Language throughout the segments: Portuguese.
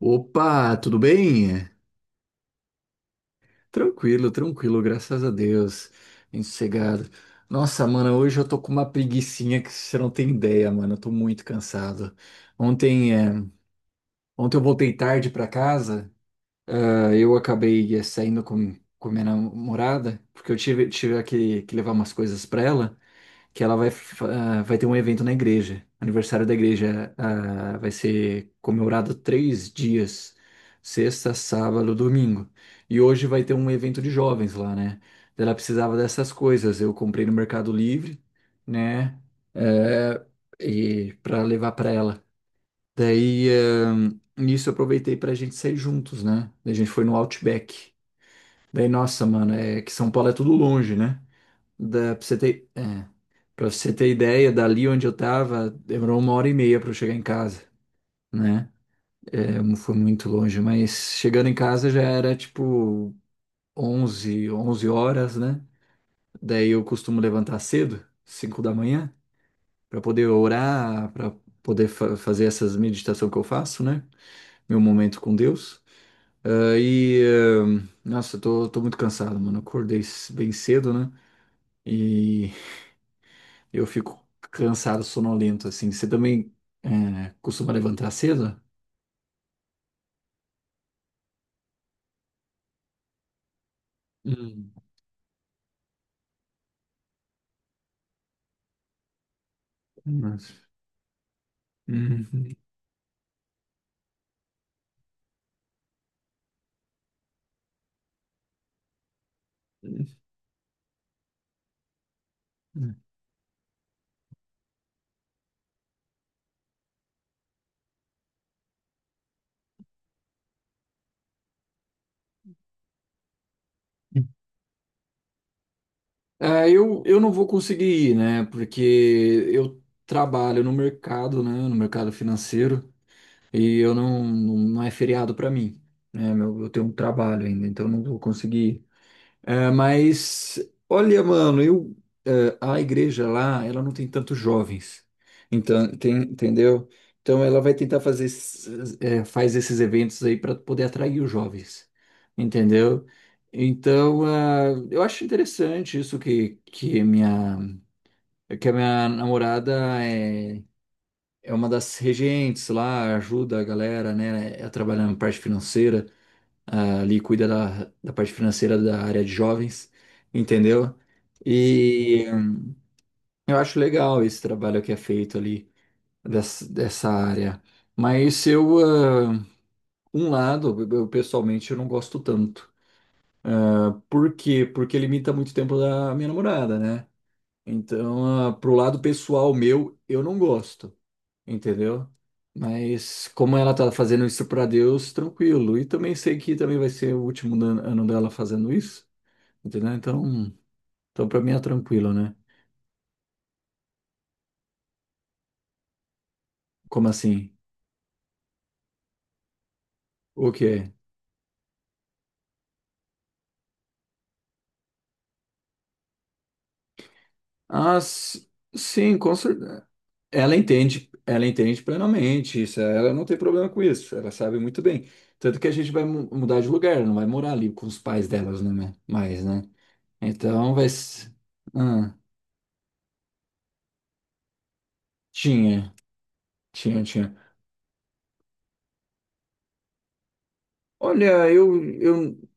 Opa, tudo bem? Tranquilo, tranquilo, graças a Deus. Bem sossegado. Nossa, mano, hoje eu tô com uma preguicinha que você não tem ideia, mano. Eu tô muito cansado. Ontem, é, ontem eu voltei tarde pra casa. Eu acabei saindo com minha namorada, porque eu tive que levar umas coisas para ela, que ela vai ter um evento na igreja. Aniversário da igreja, vai ser comemorado 3 dias, sexta, sábado, domingo. E hoje vai ter um evento de jovens lá, né? Ela precisava dessas coisas. Eu comprei no Mercado Livre, né? Eh, e para levar para ela. Daí, nisso eu aproveitei pra gente sair juntos, né? Daí a gente foi no Outback. Daí, nossa, mano, é que São Paulo é tudo longe, né? Da, pra você ter, é, pra você ter ideia, dali onde eu tava, demorou uma hora e meia pra eu chegar em casa, né? É, não foi muito longe, mas chegando em casa já era tipo onze horas, né? Daí eu costumo levantar cedo, 5 da manhã, pra poder orar, pra poder fazer essas meditações que eu faço, né? Meu momento com Deus. E nossa, eu tô muito cansado, mano. Eu acordei bem cedo, né? E eu fico cansado, sonolento, assim. Você também costuma levantar cedo? Hum. Nossa. Uhum. Eu não vou conseguir ir, né? Porque eu trabalho no mercado, né? No mercado financeiro, e eu não é feriado pra mim, né? Eu tenho um trabalho ainda, então eu não vou conseguir. É, mas, olha, mano, a igreja lá, ela não tem tantos jovens, então, tem, entendeu? Então ela vai tentar faz esses eventos aí para poder atrair os jovens, entendeu? Então, eu acho interessante isso que a minha namorada é uma das regentes lá, ajuda a galera, né, a trabalhar na parte financeira, ali cuida da parte financeira da área de jovens, entendeu? E eu acho legal esse trabalho que é feito ali dessa área. Mas um lado, eu pessoalmente eu não gosto tanto. Ah, por quê? Porque limita muito o tempo da minha namorada, né? Então, pro lado pessoal meu, eu não gosto, entendeu? Mas como ela tá fazendo isso pra Deus, tranquilo. E também sei que também vai ser o último ano dela fazendo isso. Entendeu? Então, então para mim é tranquilo, né? Como assim? O quê? Ah, s- sim, com certeza. Ela entende plenamente isso. Ela não tem problema com isso. Ela sabe muito bem. Tanto que a gente vai mudar de lugar, não vai morar ali com os pais delas, né? Né? Mais, né? Então vai. Ah, tinha, tinha, tinha. Olha, eu, eu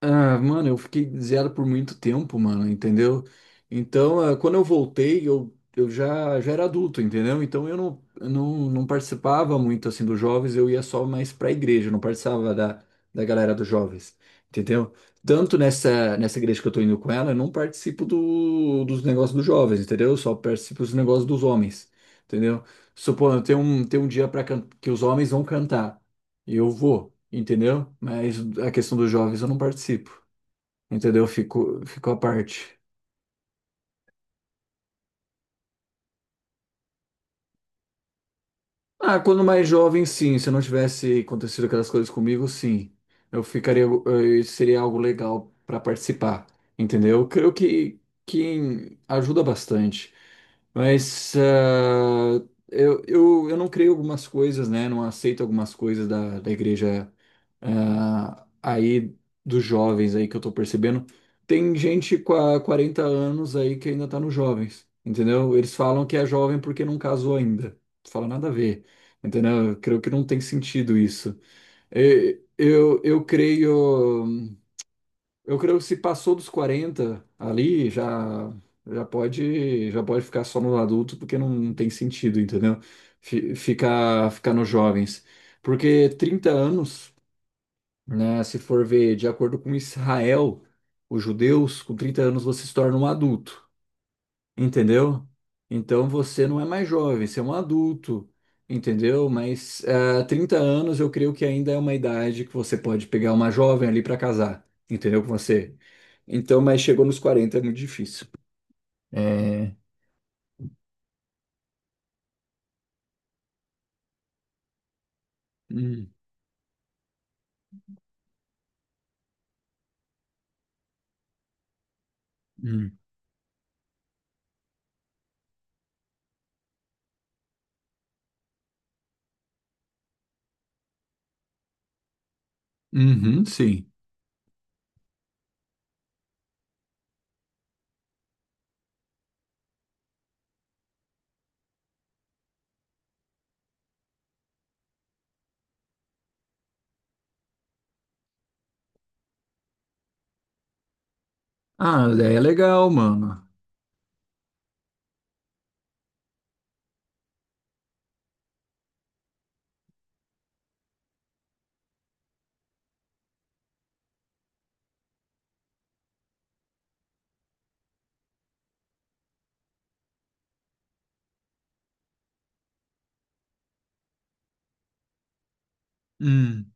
Ah, mano, eu fiquei zero por muito tempo, mano, entendeu? Então, quando eu voltei, já era adulto, entendeu? Então eu não participava muito assim dos jovens, eu ia só mais pra igreja, eu não participava da galera dos jovens, entendeu? Tanto nessa igreja que eu tô indo com ela, eu não participo dos negócios dos jovens, entendeu? Eu só participo dos negócios dos homens, entendeu? Supondo, tem um dia para que os homens vão cantar, e eu vou, entendeu? Mas a questão dos jovens eu não participo. Entendeu? Ficou à parte. Ah, quando mais jovem, sim. Se não tivesse acontecido aquelas coisas comigo, sim. Eu ficaria, seria algo legal para participar, entendeu? Eu creio que ajuda bastante. Mas eu não creio algumas coisas, né? Não aceito algumas coisas da igreja aí dos jovens aí que eu tô percebendo. Tem gente com a 40 anos aí que ainda tá nos jovens, entendeu? Eles falam que é jovem porque não casou ainda. Não fala nada a ver. Entendeu? Eu creio que não tem sentido isso. E- Eu, eu creio, eu creio que se passou dos 40 ali, já pode ficar só no adulto, porque não tem sentido, entendeu? Ficar nos jovens. Porque 30 anos, né, se for ver de acordo com Israel, os judeus, com 30 anos você se torna um adulto. Entendeu? Então você não é mais jovem, você é um adulto, entendeu? Mas 30 anos eu creio que ainda é uma idade que você pode pegar uma jovem ali para casar, entendeu? Com você. Então, mas chegou nos 40 é muito difícil. É. Hum, hum. Uhum, sim. Ah, daí é legal, mano. Hum.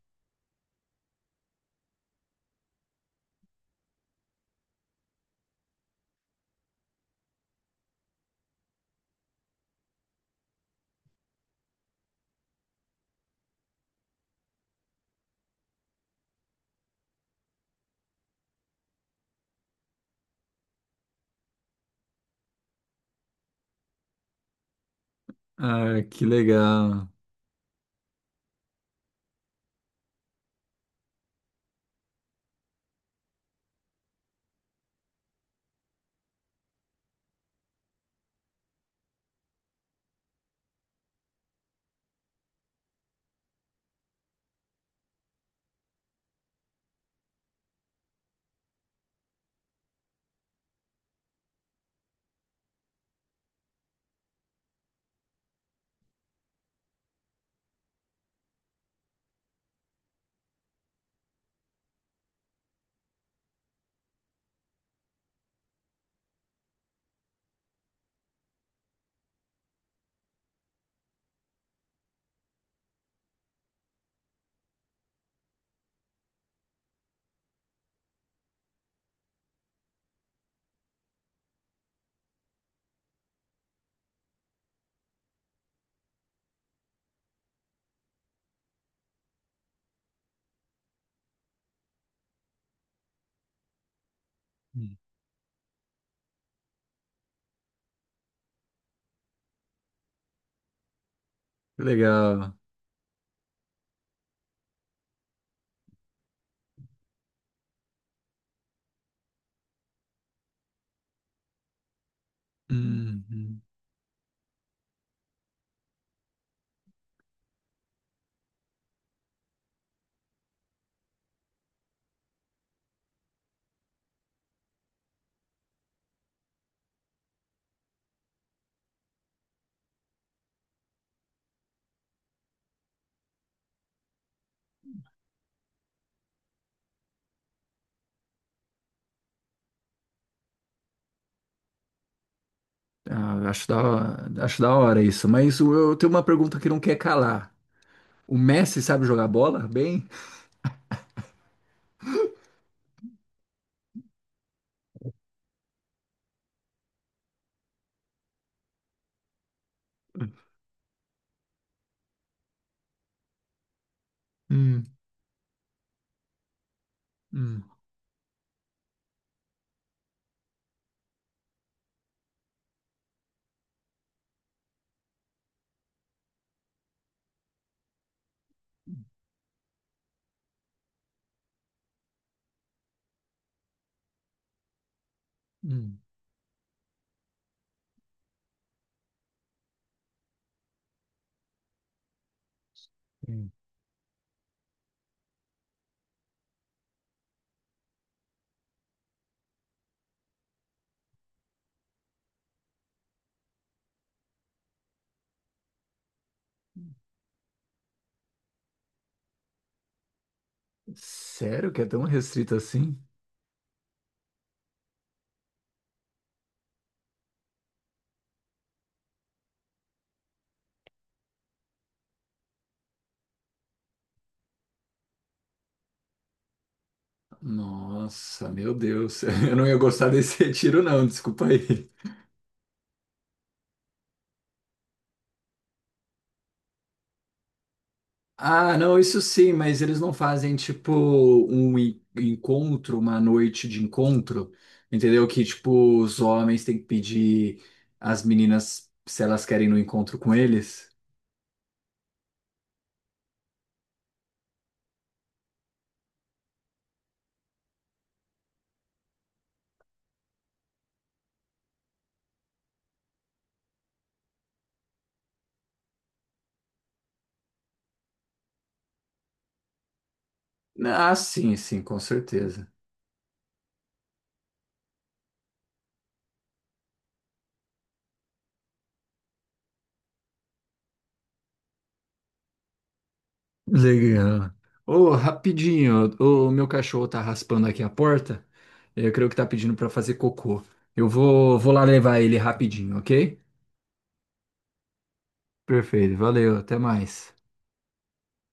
Ah, que legal. Hum. Que legal. Hum, hum. Ah, acho da hora isso. Mas eu tenho uma pergunta que não quer calar. O Messi sabe jogar bola bem? Hum, hum, hum, hum. Sério que é tão restrito assim? Nossa, meu Deus. Eu não ia gostar desse retiro, não, desculpa aí. Ah, não, isso sim, mas eles não fazem tipo um encontro, uma noite de encontro, entendeu? Que tipo os homens têm que pedir às meninas se elas querem ir no encontro com eles. Ah, sim, sim, com certeza. Legal. Ô, rapidinho, o meu cachorro tá raspando aqui a porta. Eu creio que tá pedindo pra fazer cocô. Eu vou lá levar ele rapidinho, ok? Perfeito, valeu, até mais.